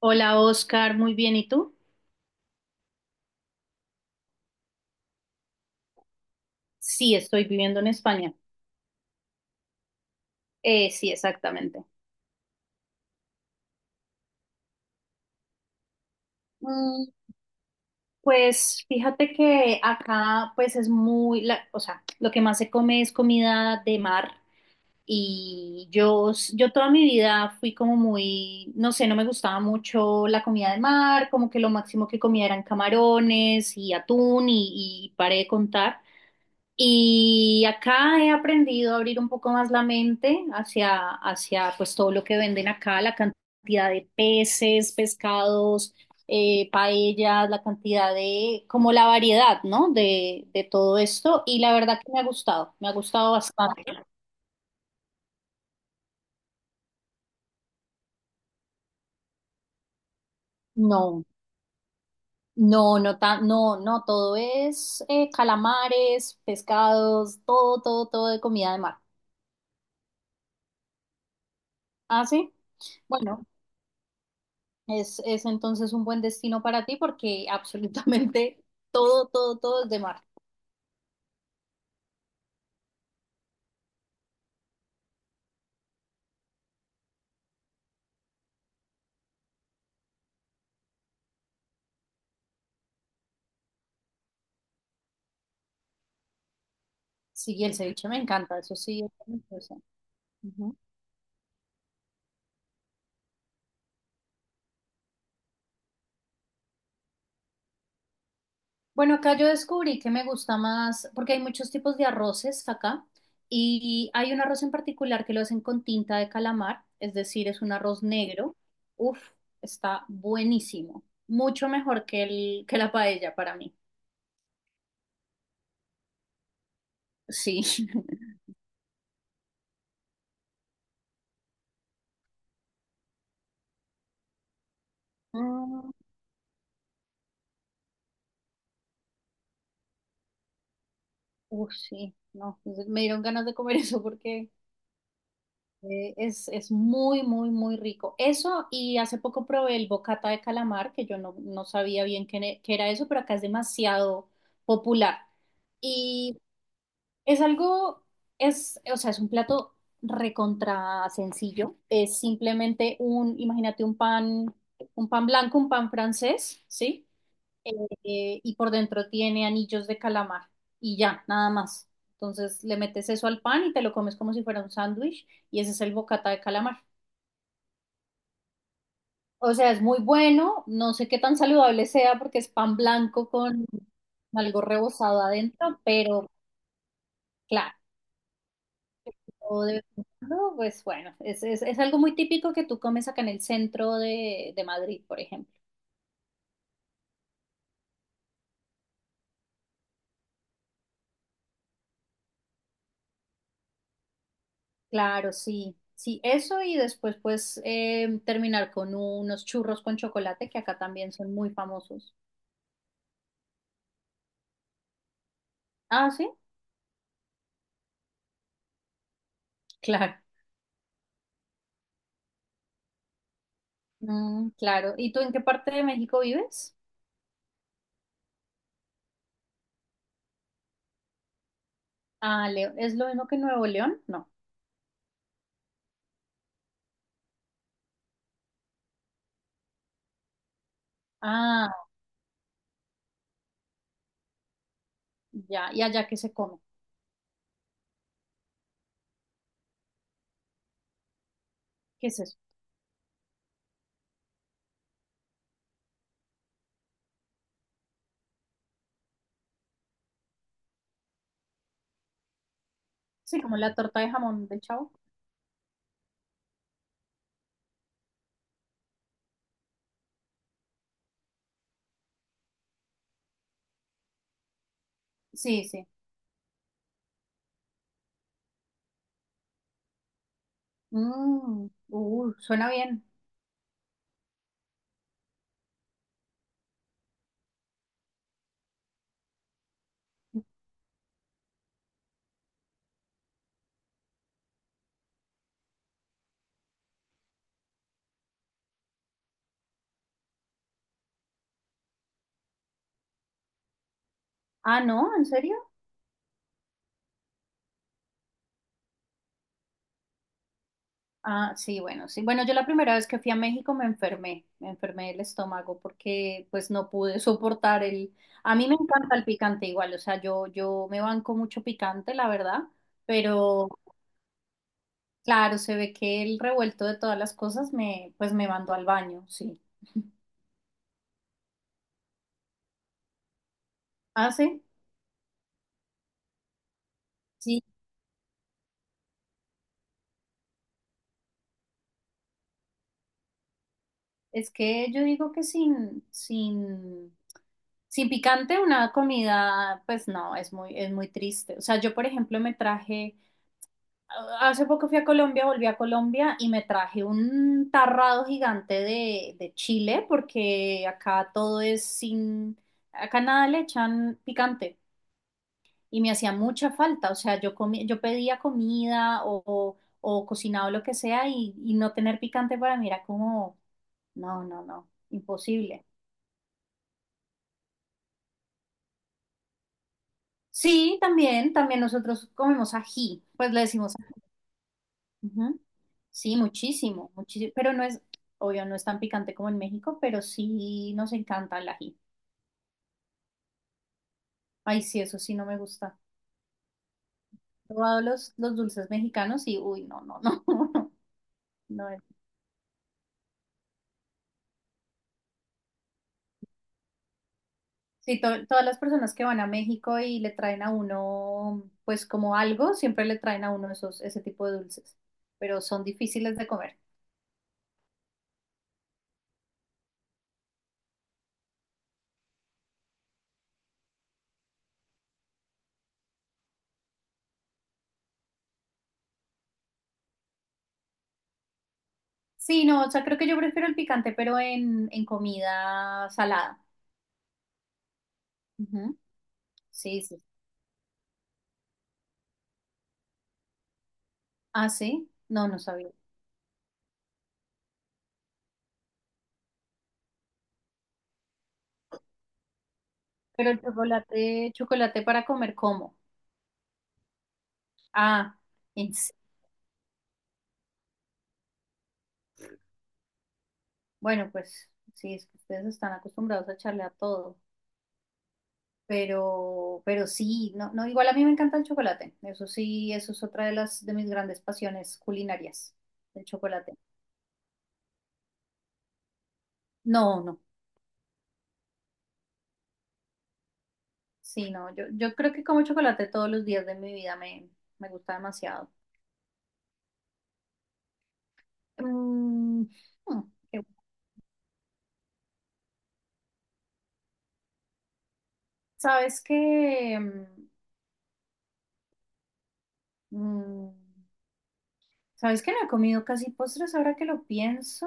Hola Oscar, muy bien. ¿Y tú? Sí, estoy viviendo en España. Sí, exactamente. Mm, pues fíjate que acá pues es muy, o sea, lo que más se come es comida de mar y yo, yo toda mi vida fui como muy, no sé, no me gustaba mucho la comida de mar, como que lo máximo que comía eran camarones y atún y paré de contar. Y acá he aprendido a abrir un poco más la mente hacia pues todo lo que venden acá, la cantidad de peces, pescados, paellas, la cantidad de, como la variedad, ¿no? De todo esto. Y la verdad que me ha gustado bastante. No, no, no, tan, no, no, todo es calamares, pescados, todo, todo, todo de comida de mar. ¿Ah, sí? Bueno. Es entonces un buen destino para ti porque absolutamente todo, todo, todo es de mar. Sí, y el ceviche me encanta, eso sí. Es delicioso. Ujú. Bueno, acá yo descubrí que me gusta más, porque hay muchos tipos de arroces acá, y hay un arroz en particular que lo hacen con tinta de calamar, es decir, es un arroz negro. Uf, está buenísimo, mucho mejor que la paella para mí. Sí. Mm, Uf, sí, no, me dieron ganas de comer eso porque... Es muy, muy, muy rico. Eso, y hace poco probé el bocata de calamar, que yo no, no sabía bien qué, qué era eso, pero acá es demasiado popular. Y es algo, es, o sea, es un plato recontra sencillo. Es simplemente un, imagínate un pan blanco, un pan francés, ¿sí? eh, y por dentro tiene anillos de calamar y ya, nada más. Entonces le metes eso al pan y te lo comes como si fuera un sándwich y ese es el bocata de calamar. O sea, es muy bueno, no sé qué tan saludable sea porque es pan blanco con algo rebozado adentro, pero claro, o de vez en cuando, pues bueno, es algo muy típico que tú comes acá en el centro de Madrid, por ejemplo. Claro, sí, sí, eso y después pues terminar con unos churros con chocolate que acá también son muy famosos. Ah, sí, claro, claro. ¿Y tú en qué parte de México vives? Ah, Leo, ¿es lo mismo que Nuevo León? No. Ah, ya, ¿y allá qué se come? ¿Qué es eso? Sí, como la torta de jamón del Chavo. Sí, sí. Uh, suena bien. Ah, no, ¿en serio? Ah, sí, bueno, sí. Bueno, yo la primera vez que fui a México me enfermé del estómago porque pues no pude soportar el... A mí me encanta el picante igual, o sea, yo me banco mucho picante, la verdad, pero claro, se ve que el revuelto de todas las cosas me, pues me mandó al baño, sí. Ah, sí, sí. Es que yo digo que sin, sin, sin picante una comida, pues no, es muy triste. O sea, yo por ejemplo me traje... Hace poco fui a Colombia, volví a Colombia y me traje un tarrado gigante de chile porque acá todo es sin, acá nada le echan picante y me hacía mucha falta, o sea, yo pedía comida o, cocinado lo que sea y no tener picante para mí era como, no, no, no, imposible. Sí, también, también nosotros comemos ají, pues le decimos Ujú. Sí, muchísimo, muchísimo, pero no es, obvio, no es tan picante como en México, pero sí nos encanta el ají. Ay, sí, eso sí no me gusta. He probado los dulces mexicanos y, uy, no, no, no, no es. Sí, todas las personas que van a México y le traen a uno, pues como algo, siempre le traen a uno esos, ese tipo de dulces, pero son difíciles de comer. Sí, no, o sea, creo que yo prefiero el picante, pero en comida salada. Ujú. Sí, sí. Ah, sí, no, no sabía. Pero el chocolate, chocolate para comer, ¿cómo? Ah, en se- bueno, pues sí, es que ustedes están acostumbrados a echarle a todo, pero sí, no, no, igual a mí me encanta el chocolate, eso sí, eso es otra de las de mis grandes pasiones culinarias, el chocolate. No, no, sí, no, yo creo que como chocolate todos los días de mi vida me, me gusta demasiado. Mm, hmm, qué- bu- ¿sabes que ¿Sabes que no he comido casi postres ahora que lo pienso?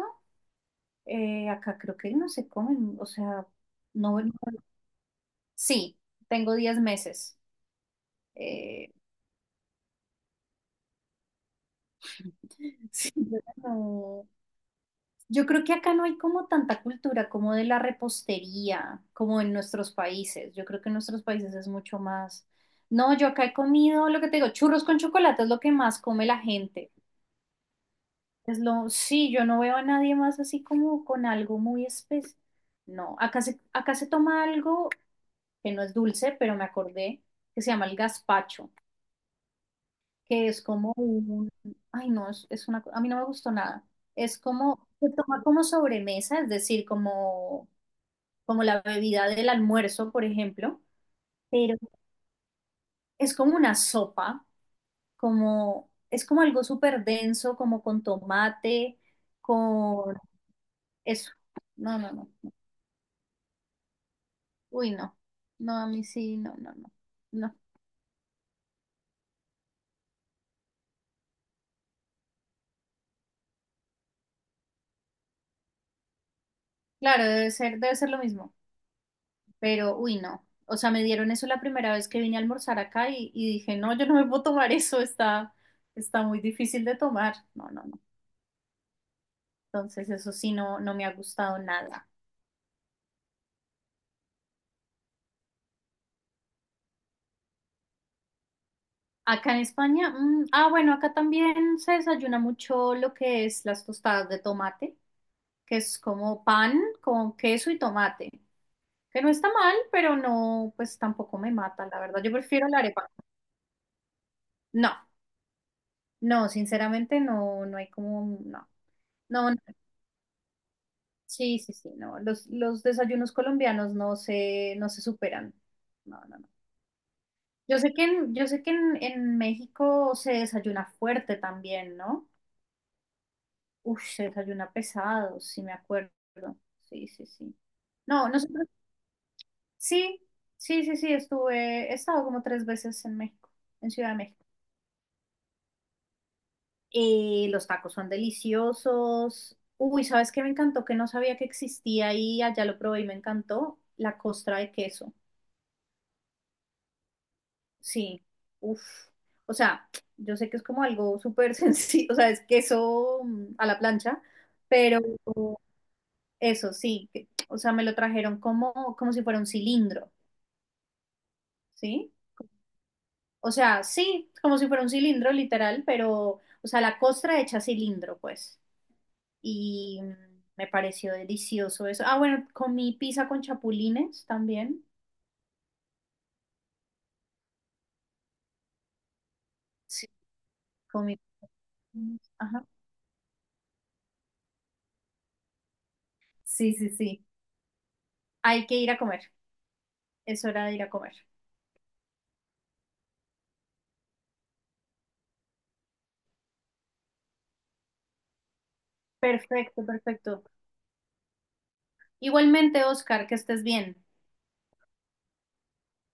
Acá creo que no se comen, o sea, no. Sí, tengo 10 meses. Eh, Sí. Yo creo que acá no hay como tanta cultura como de la repostería, como en nuestros países. Yo creo que en nuestros países es mucho más. No, yo acá he comido lo que te digo, churros con chocolate es lo que más come la gente. Es lo, sí, yo no veo a nadie más así como con algo muy especial. No, acá se toma algo que no es dulce, pero me acordé que se llama el gazpacho. Que es como un, ay no, es una, a mí no me gustó nada. Es como, se toma como sobremesa, es decir, como, como la bebida del almuerzo, por ejemplo, pero es como una sopa, como, es como algo súper denso, como con tomate, con eso. No, no, no. Uy, no. No, a mí sí, no, no, no. No. Claro, debe ser lo mismo. Pero, uy, no. O sea, me dieron eso la primera vez que vine a almorzar acá y dije, no, yo no me puedo tomar eso, está, está muy difícil de tomar. No, no, no. Entonces, eso sí, no, no me ha gustado nada. Acá en España, bueno, acá también se desayuna mucho lo que es las tostadas de tomate, que es como pan con queso y tomate, que no está mal, pero no, pues tampoco me mata, la verdad. Yo prefiero la arepa. No, no, sinceramente no, no hay como, no. No, no. Sí, sí, sí, no. Los desayunos colombianos no se, no se superan. No, no, no. Yo sé que en, yo sé que en México se desayuna fuerte también, ¿no? Uf, se desayuna pesado, sí me acuerdo. Sí, sí, sí. No, nosotros, sí, sí, sí, sí, estuve, he estado como 3 veces en México, en Ciudad de México. Los tacos son deliciosos. Uy, ¿sabes qué me encantó? Que no sabía que existía y allá lo probé y me encantó. La costra de queso. Sí, uff. O sea, yo sé que es como algo súper sencillo, o sea, es queso a la plancha, pero eso sí, o sea, me lo trajeron como, como si fuera un cilindro, ¿sí? O sea, sí, como si fuera un cilindro literal, pero, o sea, la costra hecha cilindro, pues. Y mm, Me pareció delicioso eso. Ah, bueno, comí pizza con chapulines también. Sí, comí. Ajá. Sí, sí, sí. Hay que ir a comer. Es hora de ir a comer. Perfecto, perfecto. Igualmente, Oscar, que estés bien.